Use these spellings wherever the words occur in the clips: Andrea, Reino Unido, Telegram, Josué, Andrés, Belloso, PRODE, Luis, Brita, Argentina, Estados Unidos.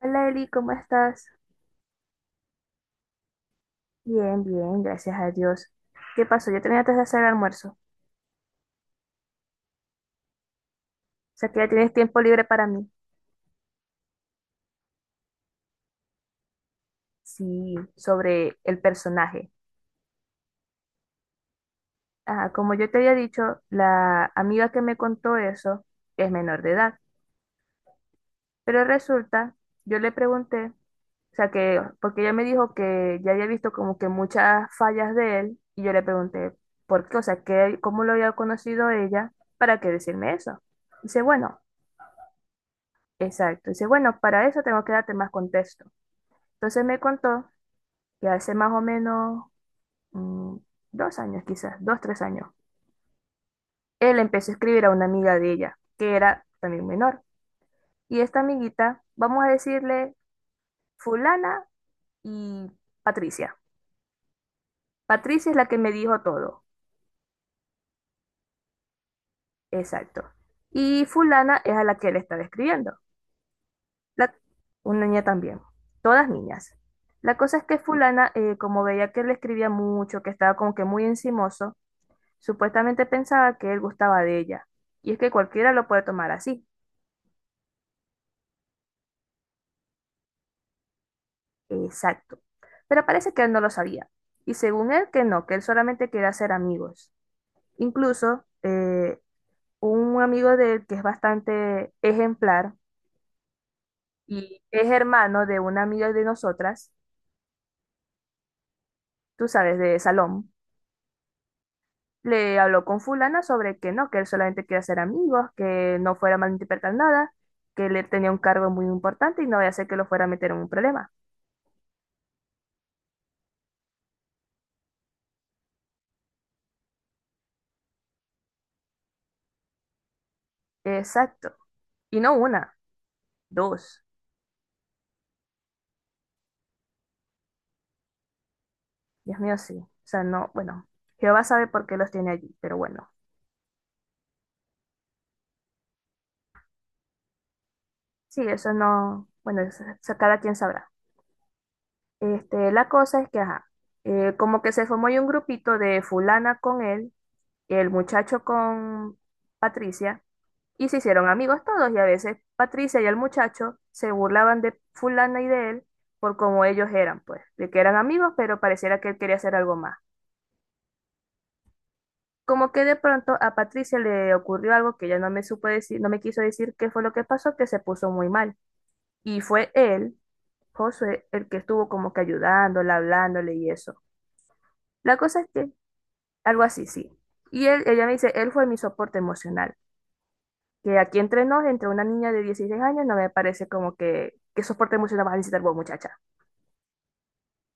Hola Eli, ¿cómo estás? Bien, bien, gracias a Dios. ¿Qué pasó? Yo tenía antes de hacer el almuerzo. O sea que ya tienes tiempo libre para mí. Sí, sobre el personaje. Ah, como yo te había dicho, la amiga que me contó eso es menor de edad. Pero resulta, yo le pregunté, o sea que, porque ella me dijo que ya había visto como que muchas fallas de él, y yo le pregunté, ¿por qué? O sea, ¿qué, cómo lo había conocido ella para que decirme eso? Dice, bueno. Exacto. Dice, bueno, para eso tengo que darte más contexto. Entonces me contó que hace más o menos mm, dos años, quizás, dos, tres años, él empezó a escribir a una amiga de ella, que era también menor. Y esta amiguita, vamos a decirle fulana y Patricia. Patricia es la que me dijo todo. Exacto. Y fulana es a la que él estaba escribiendo. La- una niña también. Todas niñas. La cosa es que fulana, como veía que él escribía mucho, que estaba como que muy encimoso, supuestamente pensaba que él gustaba de ella, y es que cualquiera lo puede tomar así. Exacto. Pero parece que él no lo sabía. Y según él, que no, que él solamente quería ser amigos. Incluso un amigo de él que es bastante ejemplar y es hermano de una amiga de nosotras, tú sabes, de Salón, le habló con fulana sobre que no, que él solamente quería ser amigos, que no fuera malinterpretar nada, que él tenía un cargo muy importante y no vaya a ser que lo fuera a meter en un problema. Exacto. Y no una, dos. Dios mío, sí. O sea, no, bueno, Jehová sabe por qué los tiene allí, pero bueno. Sí, eso no, bueno, eso cada quien sabrá. Este, la cosa es que, ajá, como que se formó ahí un grupito de fulana con él, el muchacho con Patricia, y se hicieron amigos todos, y a veces Patricia y el muchacho se burlaban de fulana y de él por cómo ellos eran, pues, de que eran amigos, pero pareciera que él quería hacer algo más. Como que de pronto a Patricia le ocurrió algo que ella no me supo decir, no me quiso decir qué fue lo que pasó, que se puso muy mal. Y fue él, Josué, el que estuvo como que ayudándola, hablándole y eso. La cosa es que, algo así, sí. Y él, ella me dice, él fue mi soporte emocional. Que aquí entre nos, entre una niña de 16 años, no me parece como que, ¿qué soporte emocional vas a necesitar vos, muchacha?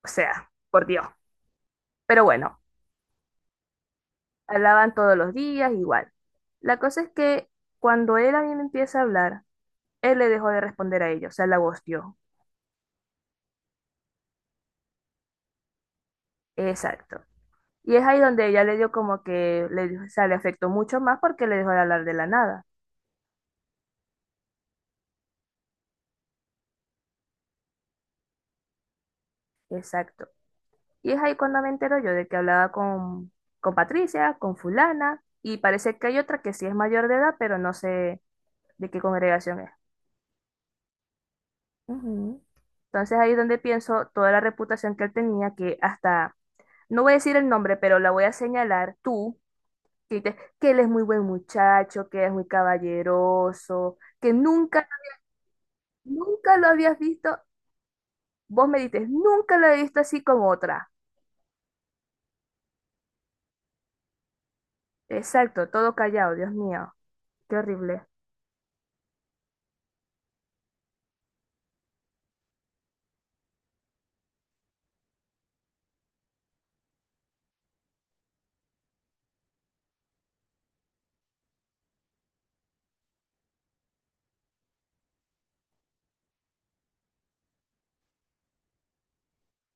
O sea, por Dios. Pero bueno, hablaban todos los días, igual. La cosa es que cuando él a mí me empieza a hablar, él le dejó de responder a ella, o sea, la ghosteó. Exacto. Y es ahí donde ella le dio como que, dio- o sea, le afectó mucho más porque le dejó de hablar de la nada. Exacto. Y es ahí cuando me entero yo de que hablaba con Patricia, con fulana, y parece que hay otra que sí es mayor de edad, pero no sé de qué congregación es. Ujú. Entonces ahí es donde pienso toda la reputación que él tenía, que hasta, no voy a decir el nombre, pero la voy a señalar tú sí, te- que él es muy buen muchacho, que es muy caballeroso, que nunca, nunca lo habías visto, vos me dices, nunca lo he visto así como otra. Exacto, todo callado, Dios mío, qué horrible.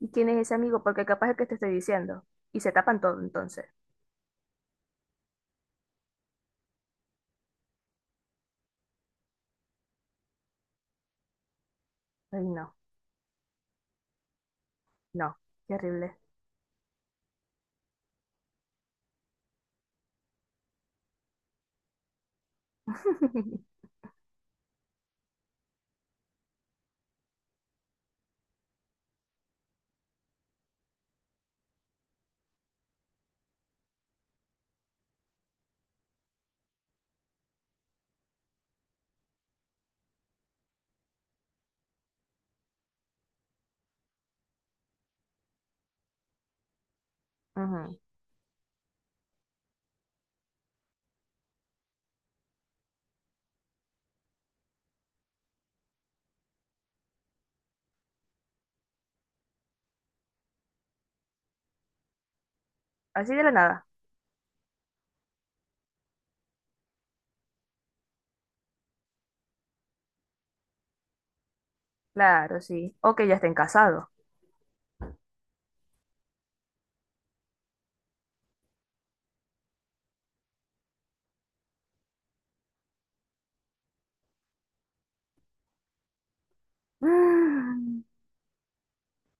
¿Y quién es ese amigo? Porque capaz es que te estoy diciendo. Y se tapan todo entonces. Ay, no, no, qué horrible. Ujú. Así de la nada. Claro, sí. O que ya estén casados. Mm.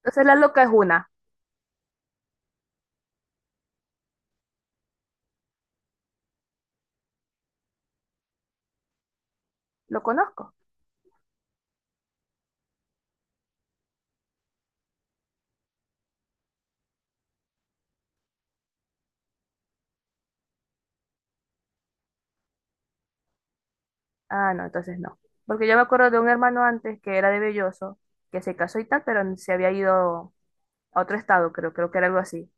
Entonces la loca es una. Lo conozco. Ah, no, entonces no. Porque yo me acuerdo de un hermano antes que era de Belloso, que se casó y tal, pero se había ido a otro estado, creo, creo que era algo así.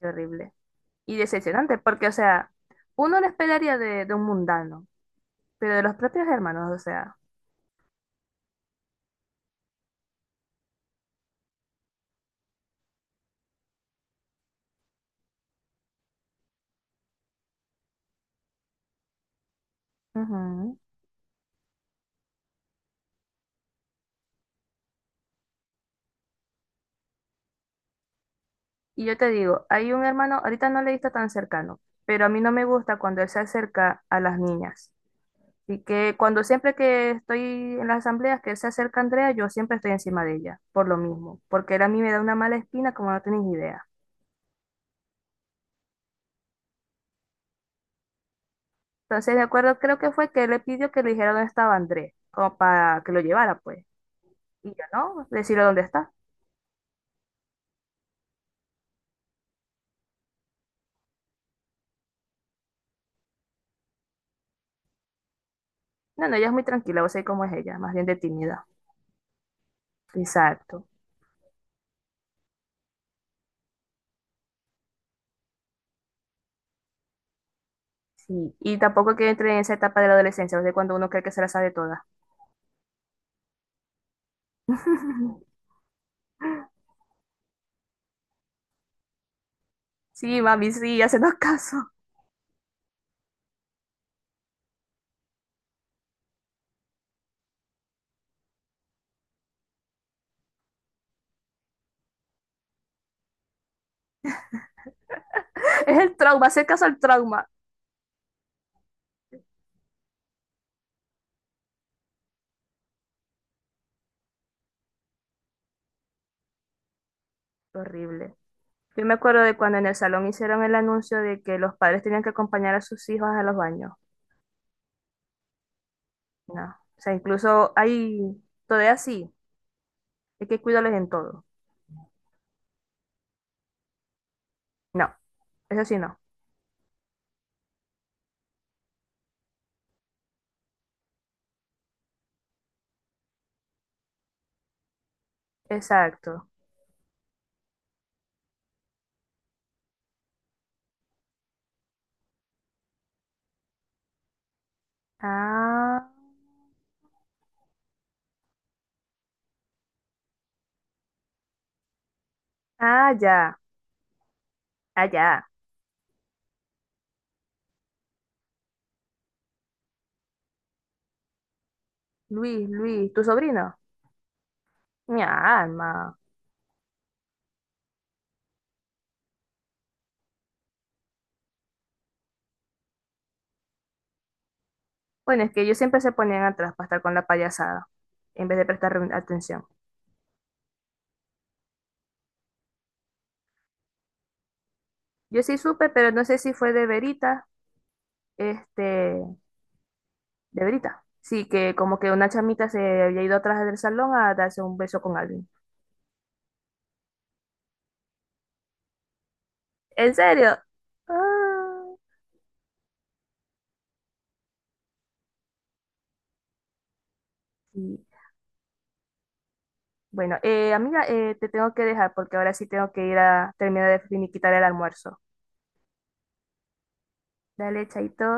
Qué horrible. Y decepcionante, porque, o sea, uno lo esperaría de un mundano, pero de los propios hermanos, o sea. Ujú. Y yo te digo, hay un hermano, ahorita no le he visto tan cercano, pero a mí no me gusta cuando él se acerca a las niñas. Y que cuando siempre que estoy en las asambleas que se acerca Andrea, yo siempre estoy encima de ella, por lo mismo, porque él a mí me da una mala espina como no tenéis idea. Entonces, de acuerdo, creo que fue que él le pidió que le dijera dónde estaba Andrés, como para que lo llevara, pues. Y yo, ¿no? Decirle dónde está. No, no, ella es muy tranquila, vos sabés cómo es ella, más bien de tímida. Exacto. Sí. Y tampoco que entre en esa etapa de la adolescencia, vos sabés cuando uno cree que se la sabe toda. Sí, mami, sí, hacenos caso. Es el trauma, hacer caso al trauma. Horrible. Yo me acuerdo de cuando en el salón hicieron el anuncio de que los padres tenían que acompañar a sus hijos a los baños. No. O sea, incluso hay todavía sí, hay que cuidarles en todo. No, eso sí no. Exacto. Ah, ah, ya, ah, ya. Luis, Luis, tu sobrino. Mi alma. Bueno, es que ellos siempre se ponían atrás para estar con la payasada, en vez de prestar atención. Yo sí supe, pero no sé si fue de verita, este, de Brita. Sí, que como que una chamita se había ido atrás del salón a darse un beso con alguien. ¿En serio? Ah, sí. Bueno, amiga, te tengo que dejar porque ahora sí tengo que ir a terminar de finiquitar el almuerzo. Dale, chaito.